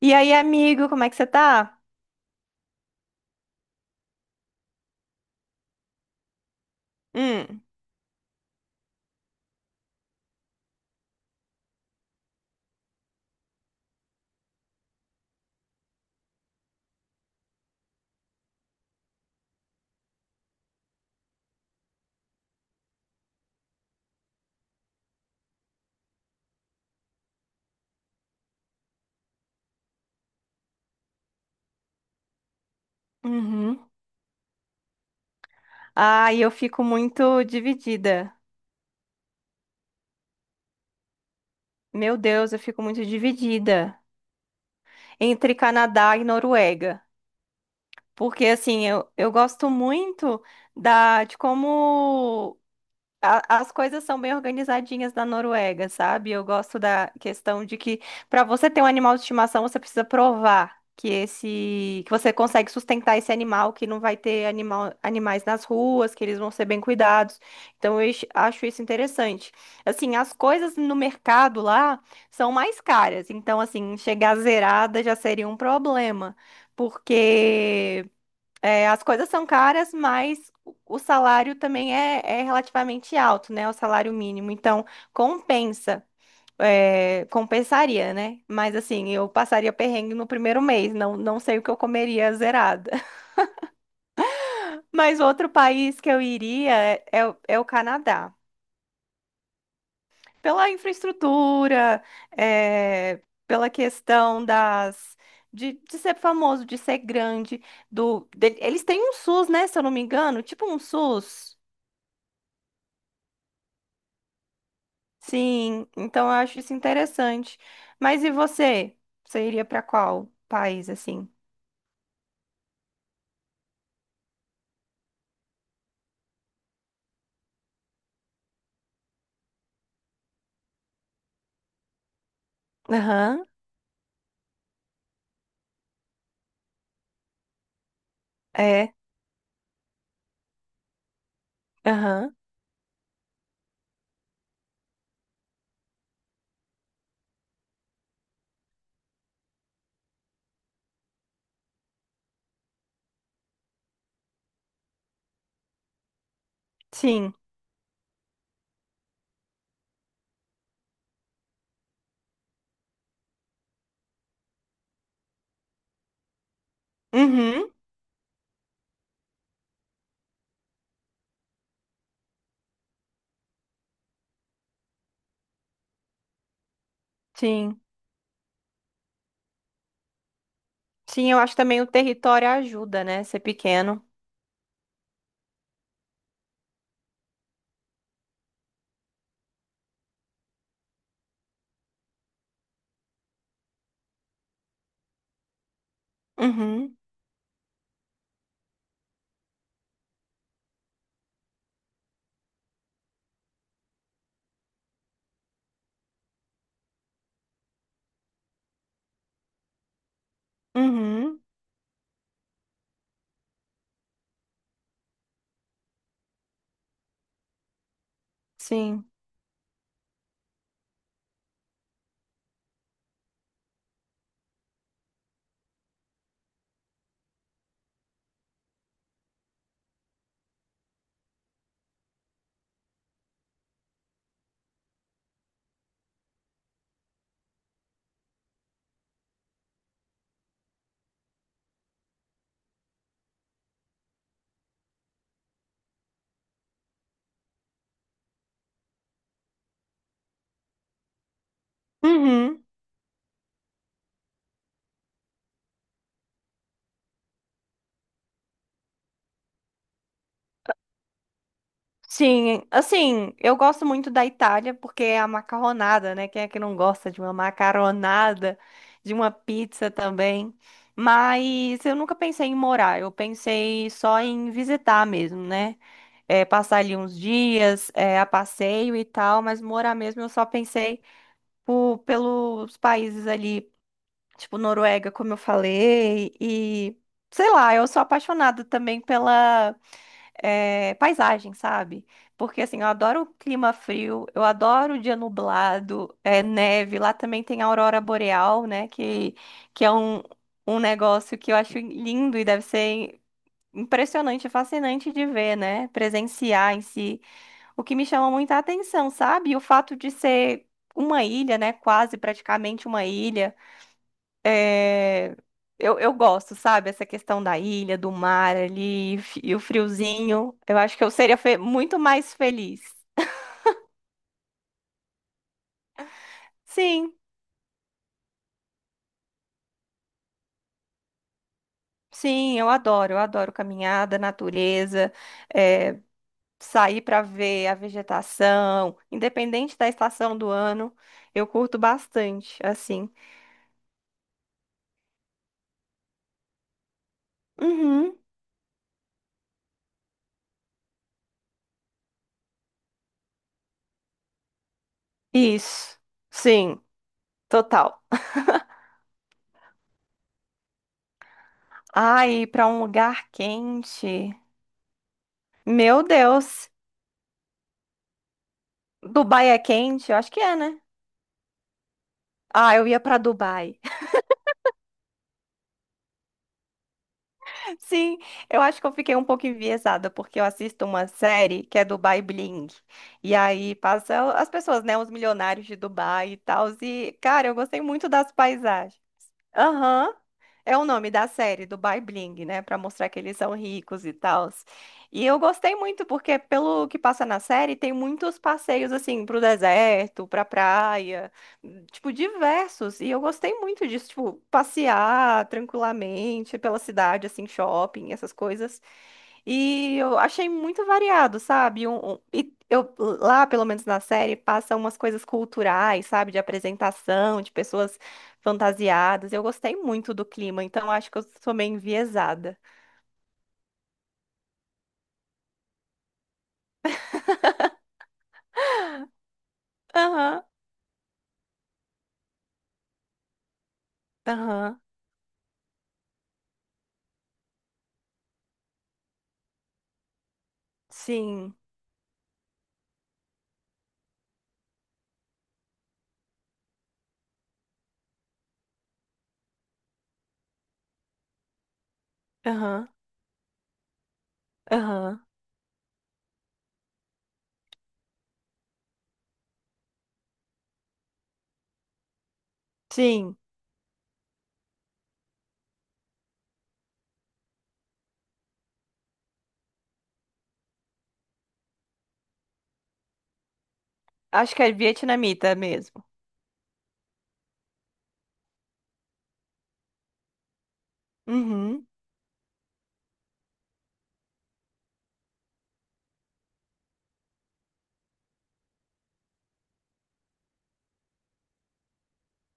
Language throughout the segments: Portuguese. E aí, amigo, como é que você tá? Hum, uhum. Ai, eu fico muito dividida. Meu Deus, eu fico muito dividida entre Canadá e Noruega. Porque, assim, eu gosto muito da, de como as coisas são bem organizadinhas na Noruega, sabe? Eu gosto da questão de que para você ter um animal de estimação, você precisa provar que esse que você consegue sustentar esse animal, que não vai ter animais nas ruas, que eles vão ser bem cuidados. Então eu acho isso interessante. Assim, as coisas no mercado lá são mais caras, então assim, chegar zerada já seria um problema, porque é, as coisas são caras, mas o salário também é, é relativamente alto, né? O salário mínimo. Então, compensa. É, compensaria, né? Mas assim, eu passaria perrengue no primeiro mês. Não sei o que eu comeria zerada. Mas outro país que eu iria é, é o Canadá. Pela infraestrutura, é, pela questão das. De ser famoso, de ser grande, do, eles têm um SUS, né? Se eu não me engano, tipo um SUS. Sim, então eu acho isso interessante. Mas e você? Você iria para qual país assim? Aham, é, aham, sim. Uhum, sim. Sim, eu acho que também o território ajuda, né? Ser pequeno. Uhum, uhum, sim. Uhum. Sim, assim, eu gosto muito da Itália porque é a macarronada, né? Quem é que não gosta de uma macaronada, de uma pizza também? Mas eu nunca pensei em morar, eu pensei só em visitar mesmo, né? É, passar ali uns dias, é, a passeio e tal, mas morar mesmo eu só pensei por, pelos países ali, tipo Noruega, como eu falei, e sei lá, eu sou apaixonada também pela é, paisagem, sabe? Porque assim, eu adoro o clima frio, eu adoro o dia nublado, é, neve. Lá também tem a aurora boreal, né? Que é um, um negócio que eu acho lindo e deve ser impressionante, fascinante de ver, né? Presenciar em si. O que me chama muita atenção, sabe? O fato de ser uma ilha, né? Quase praticamente uma ilha. É, eu gosto, sabe? Essa questão da ilha, do mar ali e o friozinho. Eu acho que eu seria muito mais feliz. Sim, sim, eu adoro. Eu adoro caminhada, natureza, é, sair para ver a vegetação, independente da estação do ano. Eu curto bastante, assim. Uhum, isso. Sim, total. Ai, para um lugar quente. Meu Deus. Dubai é quente? Eu acho que é, né? Ah, eu ia pra Dubai. Sim, eu acho que eu fiquei um pouco enviesada, porque eu assisto uma série que é Dubai Bling. E aí passa as pessoas, né, os milionários de Dubai e tal. E, cara, eu gostei muito das paisagens. Aham. É o nome da série do Bai Bling, né? Pra mostrar que eles são ricos e tal. E eu gostei muito, porque pelo que passa na série, tem muitos passeios assim pro deserto, pra praia, tipo, diversos. E eu gostei muito disso, tipo, passear tranquilamente pela cidade, assim, shopping, essas coisas. E eu achei muito variado, sabe? E eu, lá, pelo menos na série, passa umas coisas culturais, sabe? De apresentação, de pessoas fantasiadas. Eu gostei muito do clima, então acho que eu sou meio enviesada. Aham, aham, sim. Aham, aham, sim. Acho que é vietnamita mesmo. Uhum,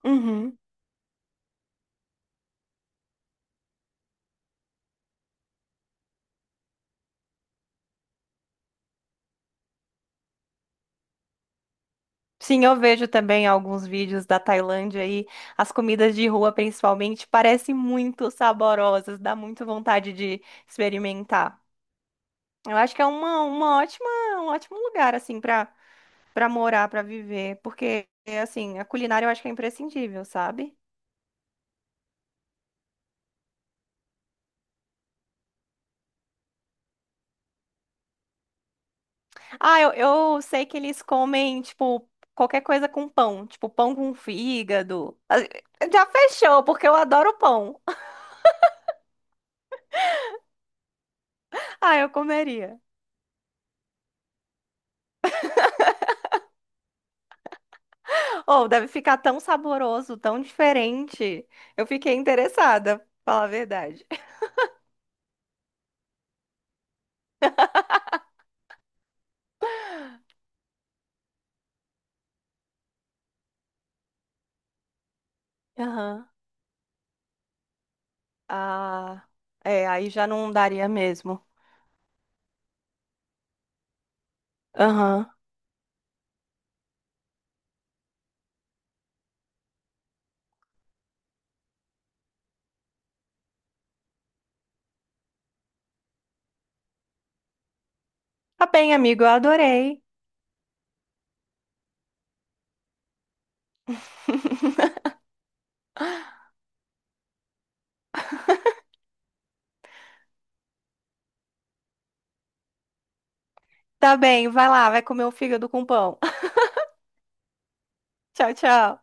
uhum. Sim, eu vejo também alguns vídeos da Tailândia aí. As comidas de rua, principalmente, parecem muito saborosas. Dá muito vontade de experimentar. Eu acho que é uma ótima, um ótimo lugar, assim, para para morar, para viver. Porque, assim, a culinária eu acho que é imprescindível, sabe? Ah, eu sei que eles comem, tipo, qualquer coisa com pão. Tipo, pão com fígado. Ah, já fechou, porque eu adoro pão. Ah, eu comeria. Ou deve ficar tão saboroso, tão diferente. Eu fiquei interessada, pra falar a verdade. Aham. Ah, é, aí já não daria mesmo. Aham. Tá bem, amigo, eu adorei. Tá bem, vai lá, vai comer o fígado com pão. Tchau, tchau.